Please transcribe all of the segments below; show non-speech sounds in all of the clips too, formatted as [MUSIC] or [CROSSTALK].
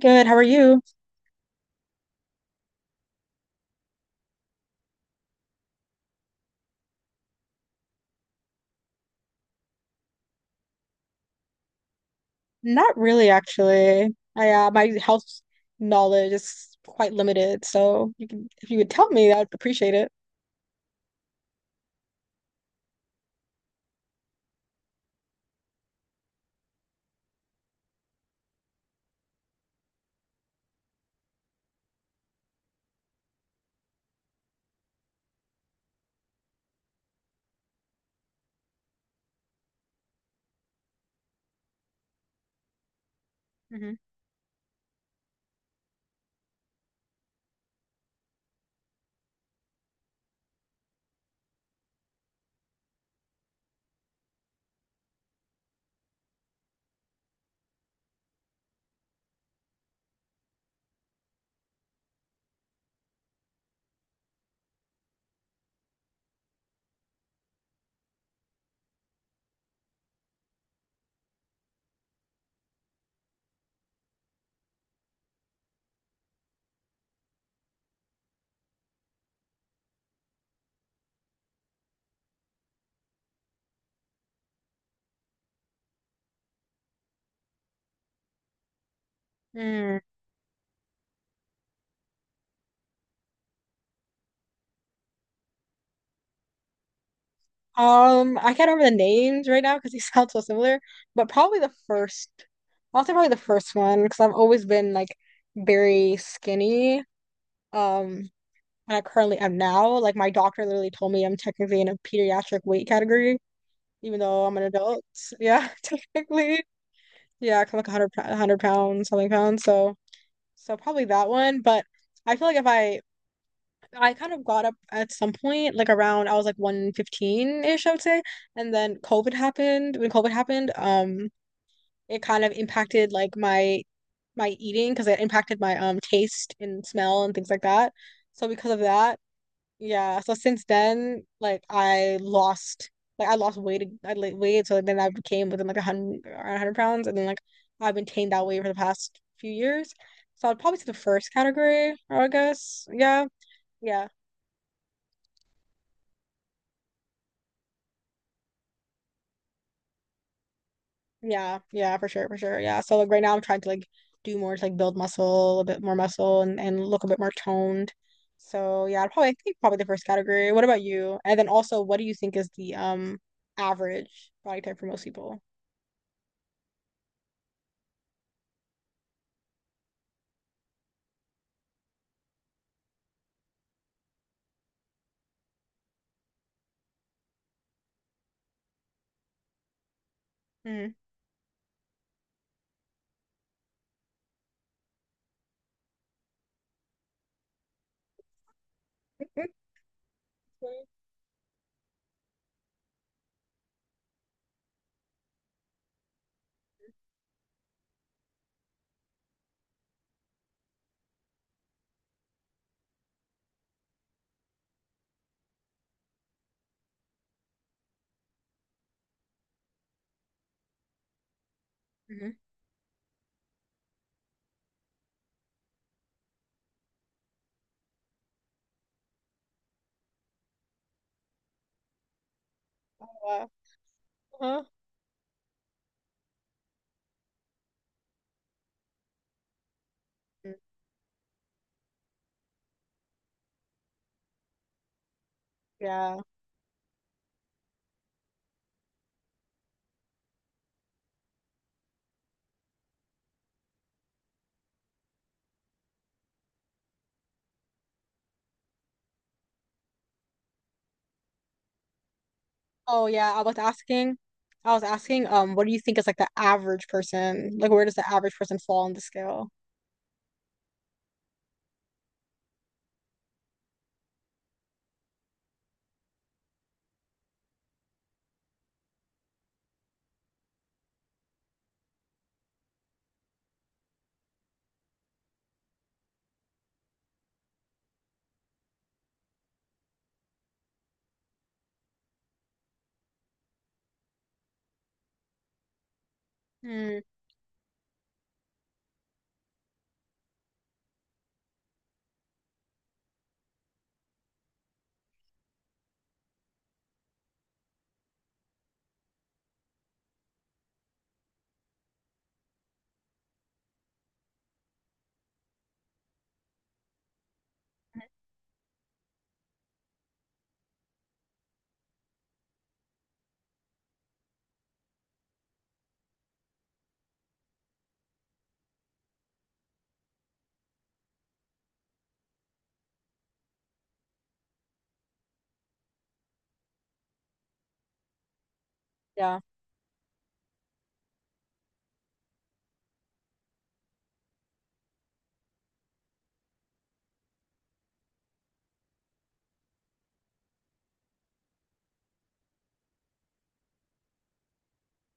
Good. How are you? Not really, actually. I, my health knowledge is quite limited, so you can if you could tell me, I'd appreciate it. Hmm. Mm. I can't remember the names right now because they [LAUGHS] sound so similar, but probably the first. I'll say probably the first one because I've always been like very skinny. Um, and I currently am now. Like my doctor literally told me I'm technically in a pediatric weight category, even though I'm an adult. Yeah, [LAUGHS] technically. Yeah, kind of like 100, 100 pounds, something pounds. So probably that one. But I feel like if I, I kind of got up at some point, like around, I was like 115-ish, I would say. And then COVID happened. When COVID happened, it kind of impacted my eating because it impacted my, taste and smell and things like that. So because of that, yeah, so since then, like I lost weight, I like weight, so then I became within like a hundred, around hundred pounds, and then like I've maintained that weight for the past few years. So I'd probably say the first category, I guess. Yeah, yeah, yeah, for sure, for sure. Yeah. So like right now, I'm trying to like do more to like build muscle, a bit more muscle, and look a bit more toned. So yeah, I think probably the first category. What about you? And then also, what do you think is the average body type for most people? Mhm. [LAUGHS] Mhm. Uh, huh. Mm. Yeah. Oh yeah, I was asking, what do you think is like the average person? Like where does the average person fall on the scale? Hmm. Yeah.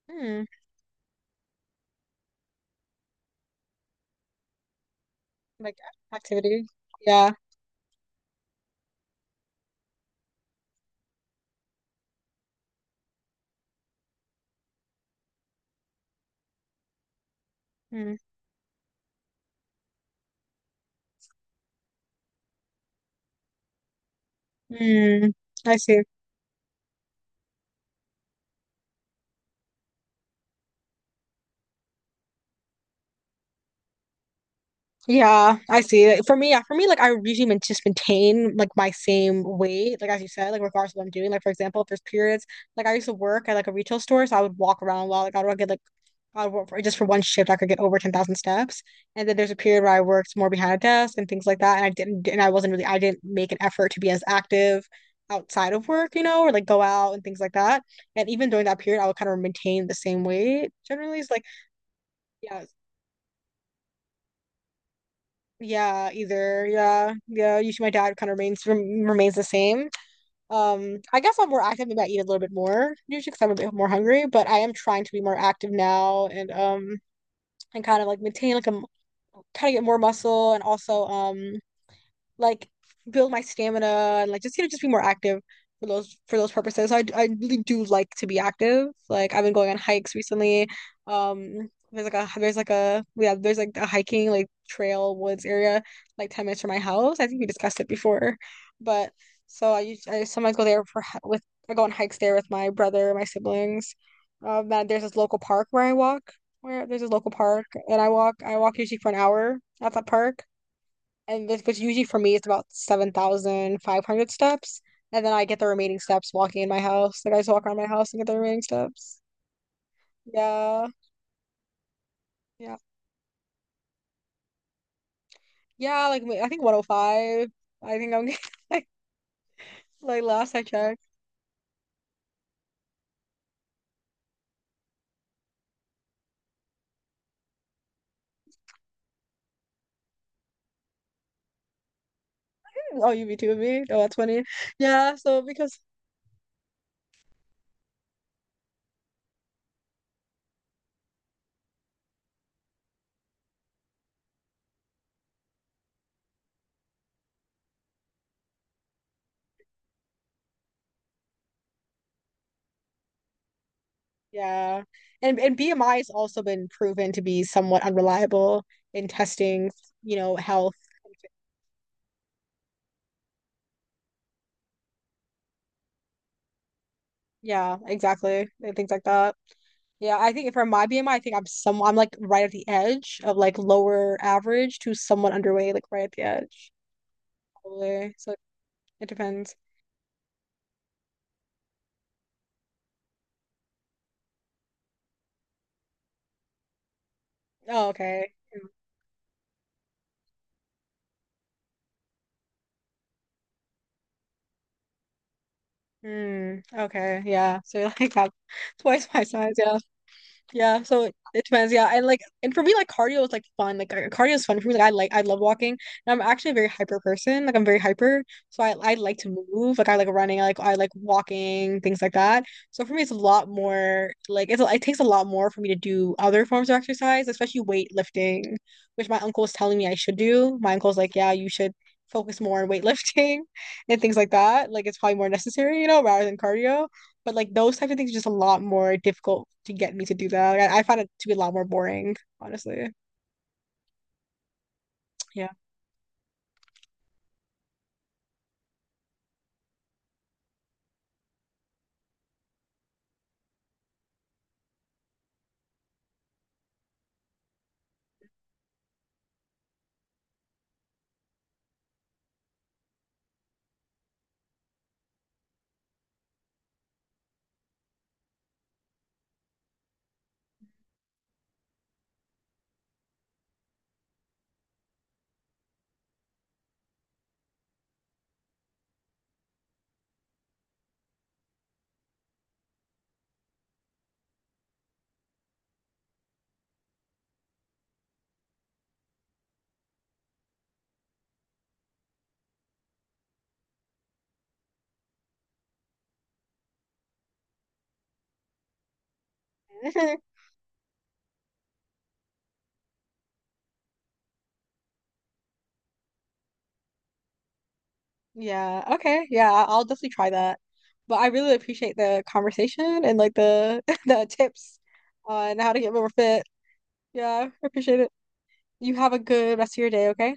Hmm. Like activity. Yeah. Hmm. Hmm. I see. Yeah, I see. Like, for me, yeah, for me, like I usually just maintain like my same weight, like as you said, like regardless of what I'm doing. Like for example, if there's periods, like I used to work at like a retail store, so I would walk around a lot. Like I would get like I work for just for one shift, I could get over 10,000 steps. And then there's a period where I worked more behind a desk and things like that. And I didn't, and I wasn't really, I didn't make an effort to be as active outside of work, you know, or like go out and things like that. And even during that period, I would kind of maintain the same weight generally. Yeah, yeah, either, yeah, yeah. Usually my diet kind of remains the same. I guess I'm more active. Maybe I eat a little bit more usually because I'm a bit more hungry, but I am trying to be more active now and kind of like maintain like a kind of get more muscle and also like build my stamina and like just you know just be more active for those purposes. So I really do like to be active. Like I've been going on hikes recently. There's like a yeah there's like a hiking like trail woods area like 10 minutes from my house. I think we discussed it before, but I sometimes go there for hi- with I go on hikes there with my brother, my siblings. And there's this local park where I walk. Where there's this local park and I walk usually for an hour at that park and this, which usually for me it's about 7,500 steps. And then I get the remaining steps walking in my house. Like I just walk around my house and get the remaining steps. Yeah. Yeah. Yeah. Like I think 105. I think I'm [LAUGHS] like, like last I checked. Oh, you be two of me? Oh, that's funny. Yeah. So because, yeah. And BMI has also been proven to be somewhat unreliable in testing, you know, health. Yeah, exactly. And things like that. Yeah, I think for my BMI, I think I'm like right at the edge of like lower average to somewhat underweight, like right at the edge. Probably. So it depends. Oh, okay. Hmm. Okay. Yeah. So [LAUGHS] like that twice my size. Yeah. Yeah, so it depends. Yeah, and like, and for me, like cardio is like fun. Like cardio is fun for me. Like, I love walking. And I'm actually a very hyper person. Like I'm very hyper, so I like to move. Like I like running. I like walking, things like that. So for me, it's a lot more. Like it's it takes a lot more for me to do other forms of exercise, especially weightlifting, which my uncle was telling me I should do. My uncle's like, yeah, you should focus more on weightlifting [LAUGHS] and things like that. Like it's probably more necessary, you know, rather than cardio. But like those types of things are just a lot more difficult to get me to do that. I find it to be a lot more boring, honestly. Yeah. [LAUGHS] Yeah. Okay. Yeah, I'll definitely try that. But I really appreciate the conversation and like the [LAUGHS] the tips on how to get more fit. Yeah, I appreciate it. You have a good rest of your day, okay?